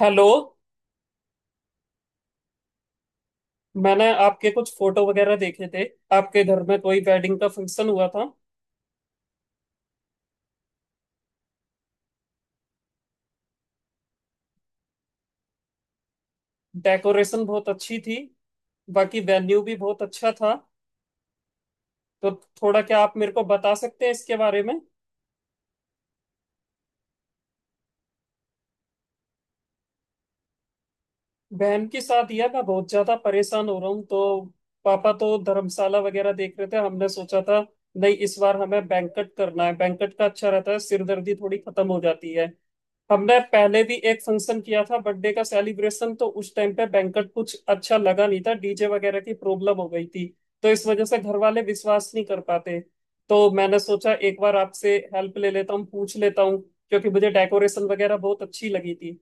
Hello. मैंने आपके कुछ फोटो वगैरह देखे थे। आपके घर में कोई वेडिंग का फंक्शन हुआ था। डेकोरेशन बहुत अच्छी थी। बाकी वेन्यू भी बहुत अच्छा था। तो थोड़ा क्या आप मेरे को बता सकते हैं इसके बारे में। बहन की शादी है। मैं बहुत ज्यादा परेशान हो रहा हूँ। तो पापा तो धर्मशाला वगैरह देख रहे थे। हमने सोचा था नहीं, इस बार हमें बैंकट करना है। बैंकट का अच्छा रहता है, सिरदर्दी थोड़ी खत्म हो जाती है। हमने पहले भी एक फंक्शन किया था बर्थडे का सेलिब्रेशन, तो उस टाइम पे बैंकट कुछ अच्छा लगा नहीं था, डीजे वगैरह की प्रॉब्लम हो गई थी। तो इस वजह से घर वाले विश्वास नहीं कर पाते। तो मैंने सोचा एक बार आपसे हेल्प ले लेता हूँ, पूछ लेता हूँ, क्योंकि मुझे डेकोरेशन वगैरह बहुत अच्छी लगी थी।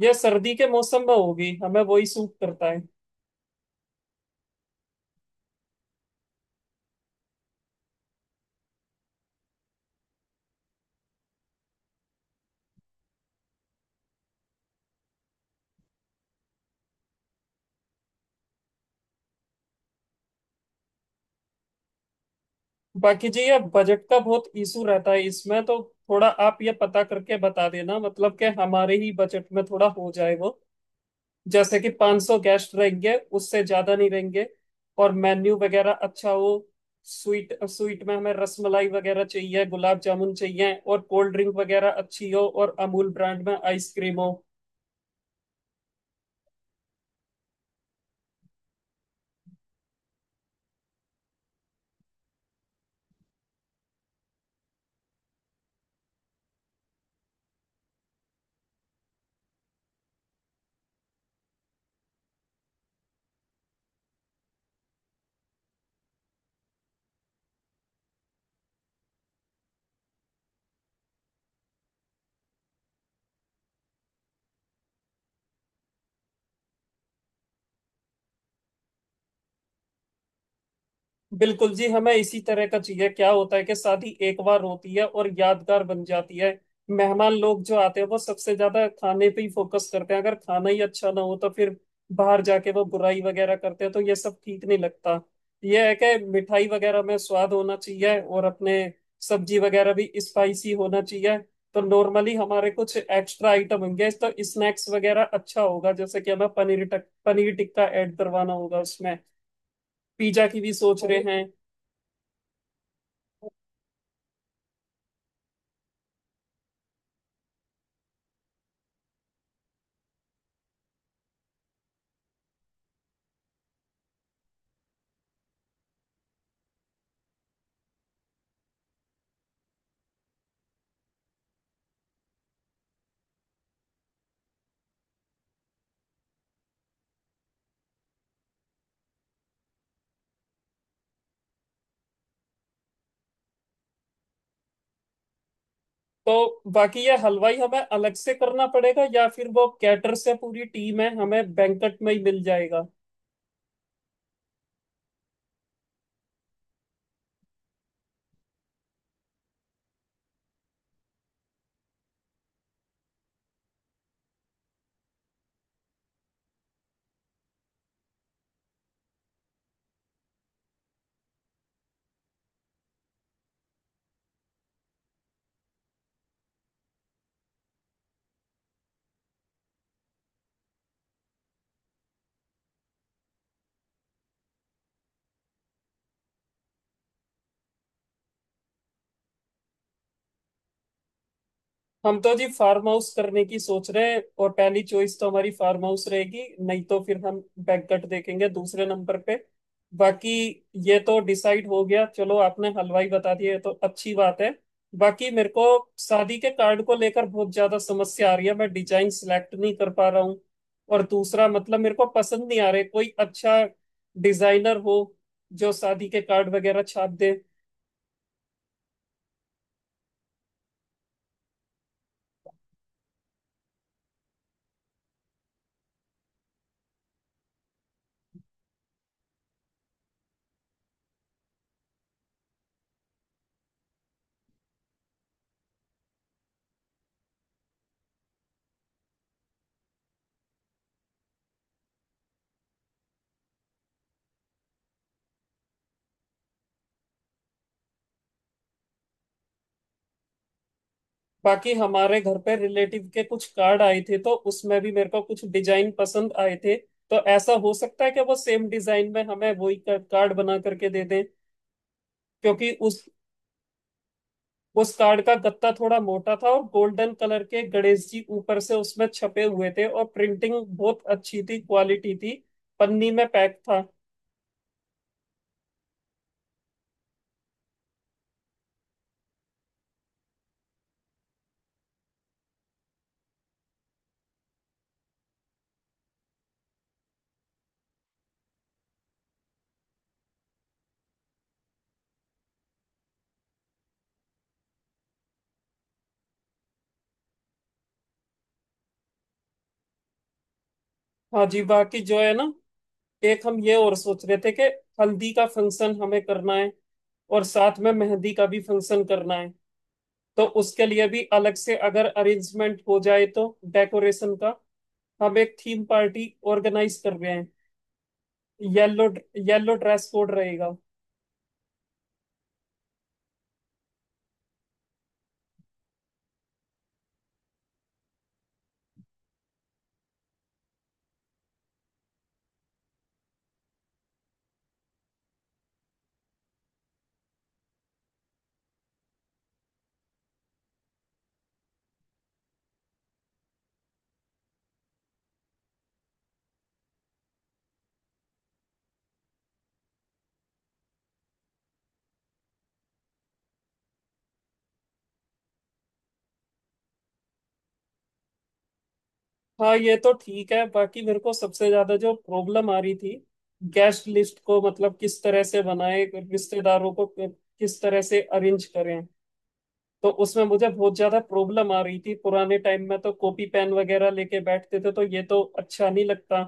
यह सर्दी के मौसम में होगी, हमें वही सूट करता है। बाकी जी, यह बजट का बहुत इशू रहता है इसमें। तो थोड़ा आप ये पता करके बता देना, मतलब कि हमारे ही बजट में थोड़ा हो जाए वो। जैसे कि 500 गेस्ट रहेंगे, उससे ज्यादा नहीं रहेंगे। और मेन्यू वगैरह अच्छा हो। स्वीट स्वीट में हमें रसमलाई वगैरह चाहिए, गुलाब जामुन चाहिए, और कोल्ड ड्रिंक वगैरह अच्छी हो, और अमूल ब्रांड में आइसक्रीम हो। बिल्कुल जी, हमें इसी तरह का चाहिए। क्या होता है कि शादी एक बार होती है और यादगार बन जाती है। मेहमान लोग जो आते हैं वो सबसे ज्यादा खाने पे ही फोकस करते हैं। अगर खाना ही अच्छा ना हो तो फिर बाहर जाके वो बुराई वगैरह करते हैं, तो ये सब ठीक नहीं लगता। ये है कि मिठाई वगैरह में स्वाद होना चाहिए और अपने सब्जी वगैरह भी स्पाइसी होना चाहिए। तो नॉर्मली हमारे कुछ एक्स्ट्रा आइटम होंगे तो स्नैक्स वगैरह अच्छा होगा, जैसे कि हमें पनीर टिक्का ऐड करवाना होगा उसमें। पिज्जा की भी सोच रहे हैं। तो बाकी ये हलवाई हमें अलग से करना पड़ेगा या फिर वो कैटर से पूरी टीम है, हमें बैंकट में ही मिल जाएगा। हम तो जी फार्म हाउस करने की सोच रहे हैं, और पहली चॉइस तो हमारी फार्म हाउस रहेगी, नहीं तो फिर हम बैकगट देखेंगे दूसरे नंबर पे। बाकी ये तो डिसाइड हो गया, चलो आपने हलवाई बता दिया, ये तो अच्छी बात है। बाकी मेरे को शादी के कार्ड को लेकर बहुत ज्यादा समस्या आ रही है, मैं डिजाइन सिलेक्ट नहीं कर पा रहा हूँ। और दूसरा मतलब मेरे को पसंद नहीं आ रहे। कोई अच्छा डिजाइनर हो जो शादी के कार्ड वगैरह छाप दे। बाकी हमारे घर पे रिलेटिव के कुछ कार्ड आए थे, तो उसमें भी मेरे को कुछ डिजाइन पसंद आए थे। तो ऐसा हो सकता है कि वो सेम डिजाइन में हमें वही कार्ड बना करके दे दें। क्योंकि उस कार्ड का गत्ता थोड़ा मोटा था, और गोल्डन कलर के गणेश जी ऊपर से उसमें छपे हुए थे, और प्रिंटिंग बहुत अच्छी थी, क्वालिटी थी। पन्नी में पैक था। हाँ जी। बाकी जो है ना, एक हम ये और सोच रहे थे कि हल्दी का फंक्शन हमें करना है, और साथ में मेहंदी का भी फंक्शन करना है। तो उसके लिए भी अलग से अगर अरेंजमेंट हो जाए, तो डेकोरेशन का हम एक थीम पार्टी ऑर्गेनाइज कर रहे हैं। येलो। येलो ड्रेस कोड रहेगा। हाँ ये तो ठीक है। बाकी मेरे को सबसे ज्यादा जो प्रॉब्लम आ रही थी, गेस्ट लिस्ट को मतलब किस तरह से बनाए, रिश्तेदारों को किस तरह से अरेंज करें, तो उसमें मुझे बहुत ज्यादा प्रॉब्लम आ रही थी। पुराने टाइम में तो कॉपी पेन वगैरह लेके बैठते थे, तो ये तो अच्छा नहीं लगता।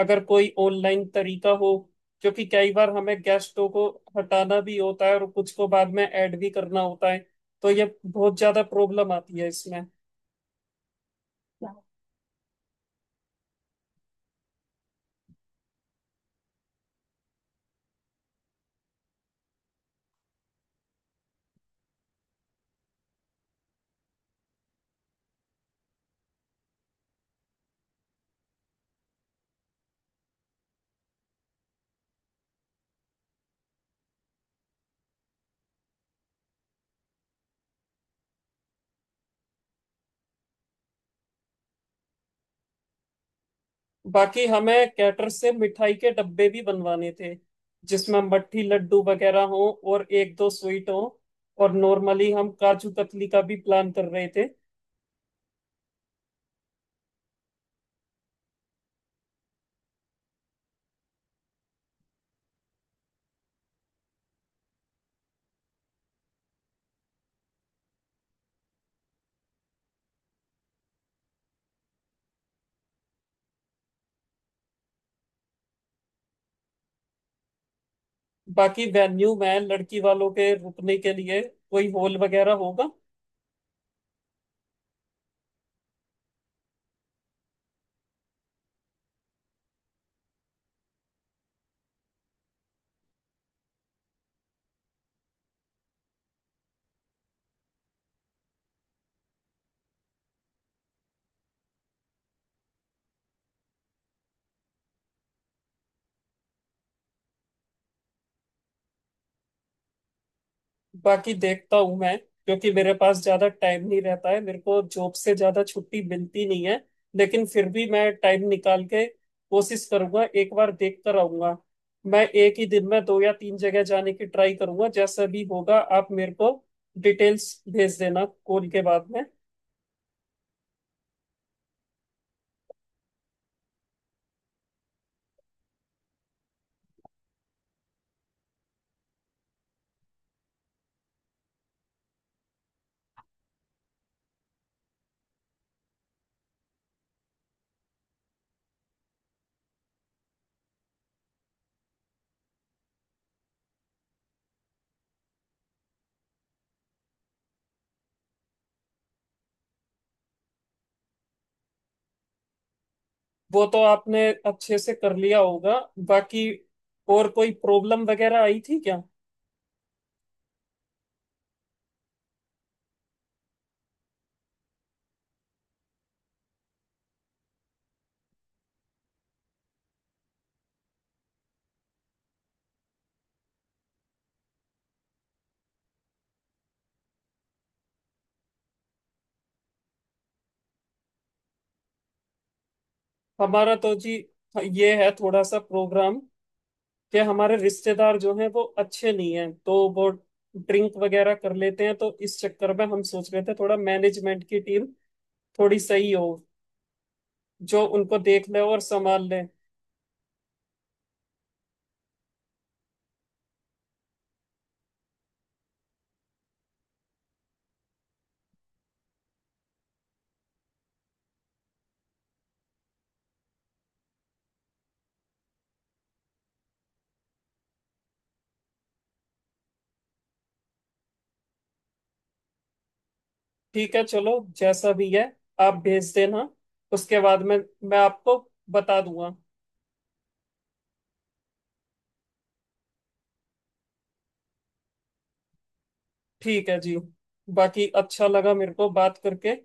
अगर कोई ऑनलाइन तरीका हो, क्योंकि कई बार हमें गेस्टों को हटाना भी होता है और कुछ को बाद में ऐड भी करना होता है। तो ये बहुत ज्यादा प्रॉब्लम आती है इसमें। बाकी हमें कैटर से मिठाई के डब्बे भी बनवाने थे, जिसमें मट्ठी लड्डू वगैरह हो और एक दो स्वीट हो, और नॉर्मली हम काजू कतली का भी प्लान कर रहे थे। बाकी वेन्यू में लड़की वालों के रुकने के लिए कोई हॉल वगैरह होगा? बाकी देखता हूँ मैं, क्योंकि मेरे पास ज्यादा टाइम नहीं रहता है, मेरे को जॉब से ज्यादा छुट्टी मिलती नहीं है। लेकिन फिर भी मैं टाइम निकाल के कोशिश करूंगा, एक बार देख कर आऊंगा। मैं एक ही दिन में दो या तीन जगह जाने की ट्राई करूंगा। जैसा भी होगा आप मेरे को डिटेल्स भेज देना कॉल के बाद में। वो तो आपने अच्छे से कर लिया होगा। बाकी और कोई प्रॉब्लम वगैरह आई थी क्या? हमारा तो जी ये है थोड़ा सा प्रोग्राम कि हमारे रिश्तेदार जो हैं वो अच्छे नहीं हैं, तो वो ड्रिंक वगैरह कर लेते हैं। तो इस चक्कर में हम सोच रहे थे थोड़ा मैनेजमेंट की टीम थोड़ी सही हो, जो उनको देख ले और संभाल ले। ठीक है, चलो, जैसा भी है आप भेज देना, उसके बाद में मैं आपको बता दूंगा। ठीक है जी। बाकी अच्छा लगा मेरे को बात करके।